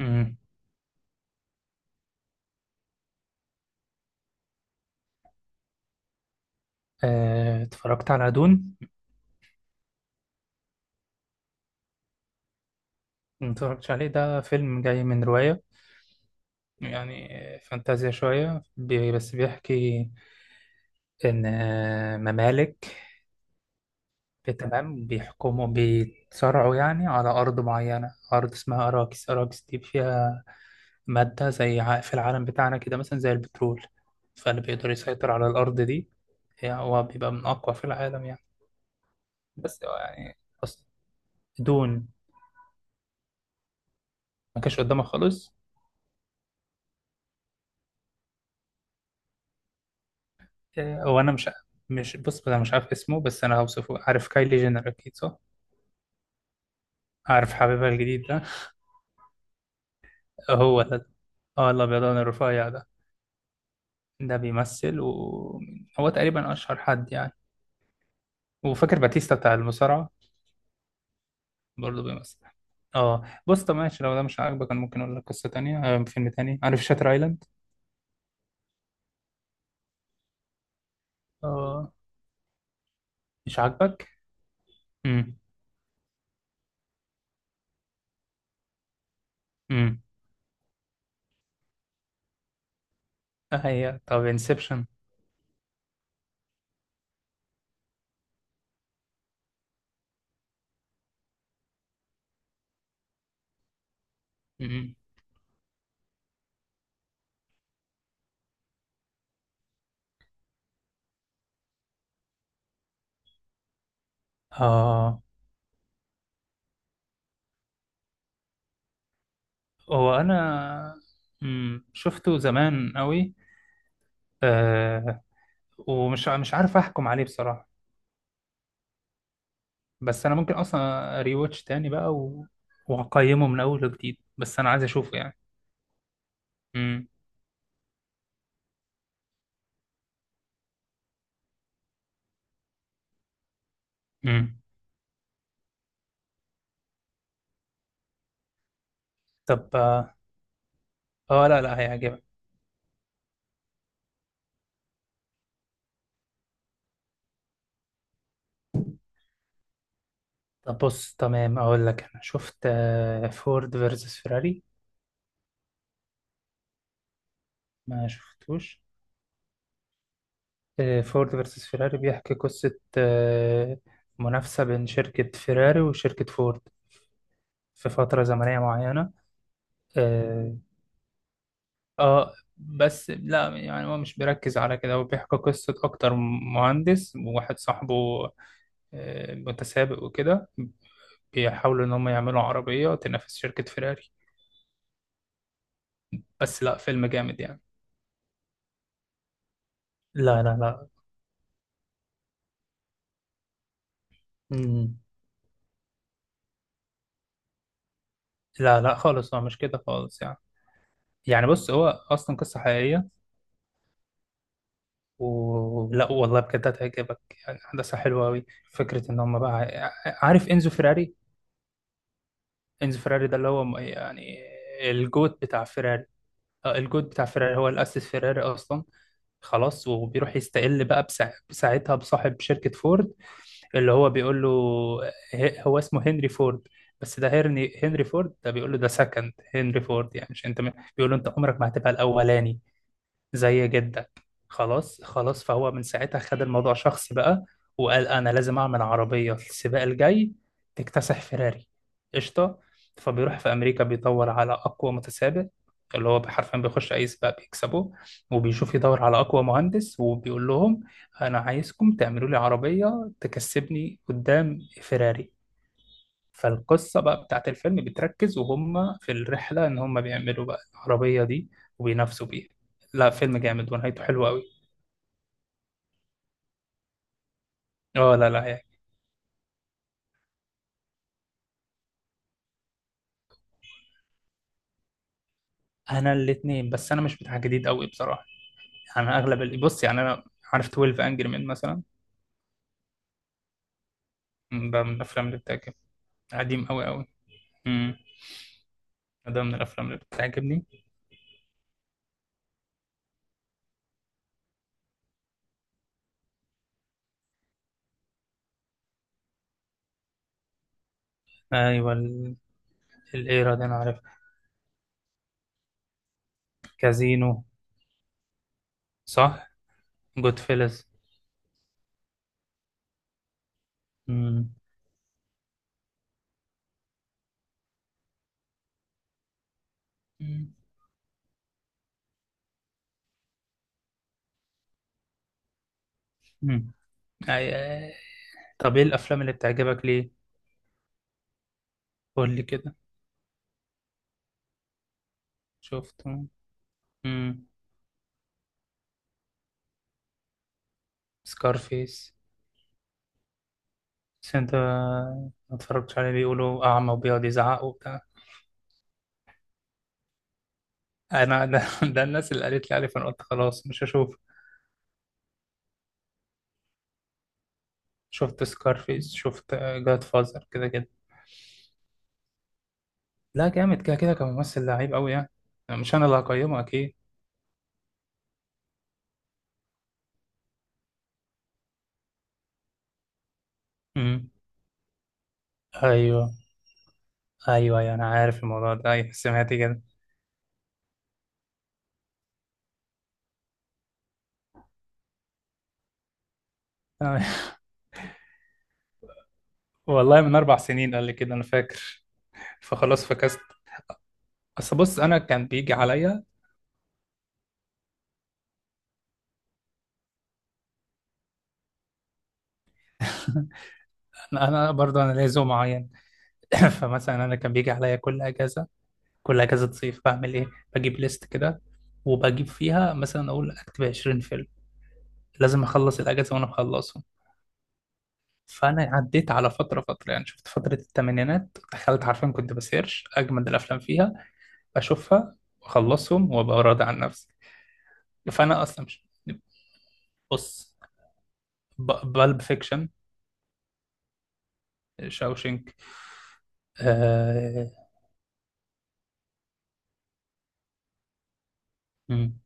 امم. اتفرجت على دون. ما اتفرجتش عليه، ده فيلم جاي من رواية، يعني فانتازيا شوية. بس بيحكي إن ممالك، تمام، بيحكموا، بيتصارعوا يعني على أرض معينة. أرض اسمها أراكس. أراكس دي فيها مادة زي، في العالم بتاعنا كده مثلا زي البترول. فاللي بيقدر يسيطر على الأرض دي، يعني هو بيبقى من أقوى في العالم يعني. بس هو يعني، أص- دون، ما كانش قدامك خالص. هو انا مش مش بص، انا مش عارف اسمه، بس انا هوصفه. عارف كايلي جينر، اكيد صح؟ عارف حبيبها الجديد ده؟ هو ده. اه، الابيضان الرفيع ده، ده بيمثل، وهو تقريبا اشهر حد يعني. وفاكر باتيستا بتاع المصارعه؟ برضه بيمثل. اه بص، طب ماشي، لو ده مش عاجبك انا ممكن اقول لك قصه تانية. فيلم تاني، عارف شاتر ايلاند؟ اه. مش عاجبك. امم. امم. هي طب انسبشن. امم. اه، هو انا، امم، شفته زمان قوي، ومش مش عارف احكم عليه بصراحة. بس انا ممكن اصلا ريواتش تاني بقى و... واقيمه من اول وجديد، بس انا عايز اشوفه يعني. امم. امم. طب اه، لا لا، هيعجبك. طب بص، تمام، اقول لك انا شفت فورد فيرسس فيراري. ما شفتوش؟ فورد فيرسس فيراري بيحكي قصة منافسة بين شركة فيراري وشركة فورد، في فترة زمنية معينة. آه، اه بس لا، يعني هو مش بيركز على كده، هو بيحكي قصة أكتر. مهندس وواحد صاحبه متسابق وكده، بيحاولوا إن هم يعملوا عربية تنافس شركة فيراري. بس لا، فيلم جامد يعني. لا لا لا. مم. لا لا، خالص هو مش كده خالص يعني. يعني بص، هو أصلا قصة حقيقية، ولا والله بجد هتعجبك. يعني أحداثها حلوة أوي. فكرة إن هم بقى، عارف إنزو فيراري؟ إنزو فيراري ده اللي هو يعني الجوت بتاع فيراري، الجود بتاع فيراري، هو اللي أسس فيراري أصلا. خلاص، وبيروح يستقل بقى ساعتها بصاحب شركة فورد، اللي هو بيقول له، هو اسمه هنري فورد. بس ده هنري فورد، ده بيقول له، ده سكند هنري فورد، يعني مش انت، بيقول له انت عمرك ما هتبقى الاولاني زي جدك. خلاص خلاص، فهو من ساعتها خد الموضوع شخصي بقى، وقال انا لازم اعمل عربيه السباق الجاي تكتسح فيراري. قشطه. فبيروح في امريكا بيدور على اقوى متسابق، اللي هو حرفيا بيخش اي سباق بيكسبه، وبيشوف يدور على اقوى مهندس، وبيقول لهم انا عايزكم تعملوا لي عربيه تكسبني قدام فيراري. فالقصة بقى بتاعت الفيلم بتركز وهم في الرحلة إن هم بيعملوا بقى العربية دي، وبينافسوا بيها. لا، فيلم جامد، ونهايته حلوة أوي. اه لا لا يعني. أنا الاتنين، بس أنا مش بتاع جديد أوي بصراحة. يعني أنا أغلب اللي، بص يعني أنا، عارف 12 أنجري مان مثلا. ده من الأفلام اللي بتعجبني. قديم أوي أوي. امم. ده من الأفلام اللي بتعجبني. أيوة، الإيرا دي أنا عارف. كازينو. صح. جود فيلز. امم. امم. أي. طب إيه الأفلام اللي بتعجبك ليه؟ قول لي كده. شفته. امم. سكارفيس. بس انت ما اتفرجتش عليه؟ بيقولوا اعمى وبيقعد يزعق وبتاع. انا ده, ده الناس اللي قالت لي عليه، فانا قلت خلاص مش هشوف. شفت سكارفيس، شفت جاد فازر، كده كده. لا جامد كده كده، كممثل لعيب قوي يعني. مش انا اللي هقيمه اكيد. امم. ايوه ايوه ايوه، انا عارف الموضوع ده. ايوه، سمعت كده. والله من 4 سنين قال لي كده، انا فاكر، فخلاص فكست. اصل بص انا كان بيجي عليا. انا برضه، انا ليا ذوق معين. فمثلا انا كان بيجي عليا كل اجازه، كل اجازه صيف بعمل ايه، بجيب ليست كده، وبجيب فيها مثلا، اقول اكتب 20 فيلم، لازم اخلص الاجازه وانا مخلصهم. فانا عديت على فتره فتره، يعني شفت فتره الثمانينات دخلت، عارفين كنت بسيرش اجمد الافلام فيها، اشوفها واخلصهم وابقى راضي عن نفسي. فانا اصلا مش، بص، بالب فيكشن، شاوشنك، آه... مم.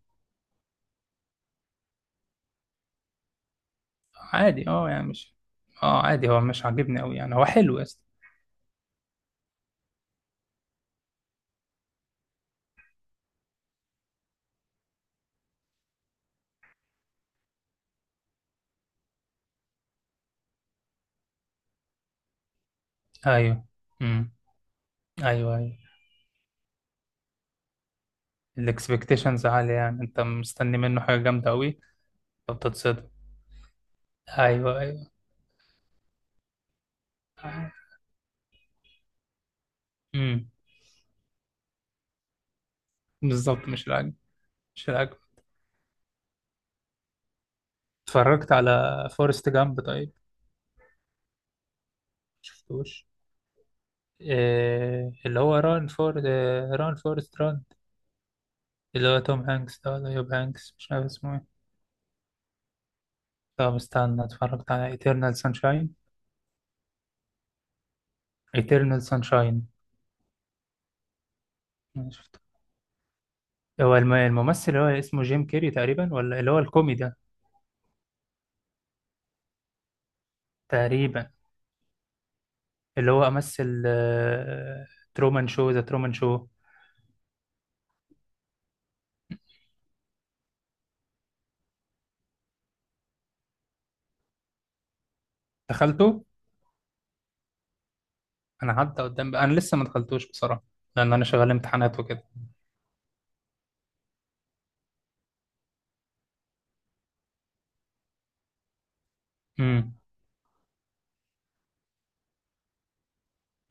عادي اه، يعني مش، اه عادي، هو مش عاجبني قوي يعني، هو حلو يا اسطى. ايوه ايوه ايوه. الاكسبكتيشنز عالية، يعني انت مستني منه حاجة جامدة قوي، فبتتصدم. ايوه ايوه. امم. بالظبط، مش العجب، مش العجب. اتفرجت على فورست جامب طيب؟ شفتوش؟ إيه اللي هو ران فورست ران، اللي هو توم هانكس ده، ولا يوب هانكس، مش عارف اسمه ايه. طب استنى، اتفرجت على ايترنال سانشاين؟ ايترنال سانشاين. شفته. هو الممثل اللي هو اسمه جيم كيري تقريبا، ولا اللي هو الكوميدي ده. تقريبا. اللي هو امثل ترومان شو، ذا ترومان شو. دخلته. انا عدى قدام بقى. انا لسه ما دخلتوش بصراحه، لان انا شغال امتحانات وكده. امم.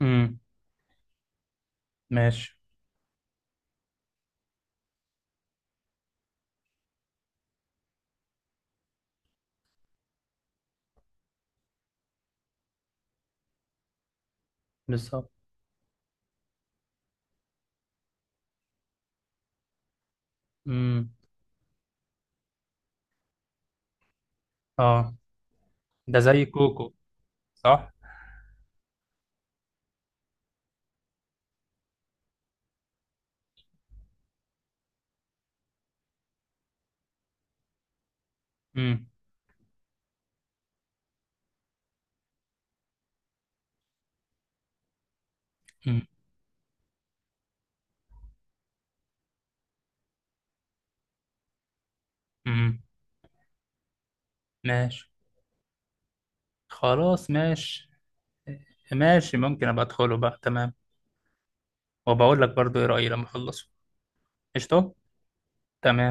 امم. ماشي. بالظبط. امم. اه، ده زي كوكو. صح. امم. امم. امم. ماشي. خلاص ماشي. ماشي، ممكن ابقى ادخله بقى، تمام. وبقول لك برضو ايه رايي لما اخلصه. قشطه. تمام.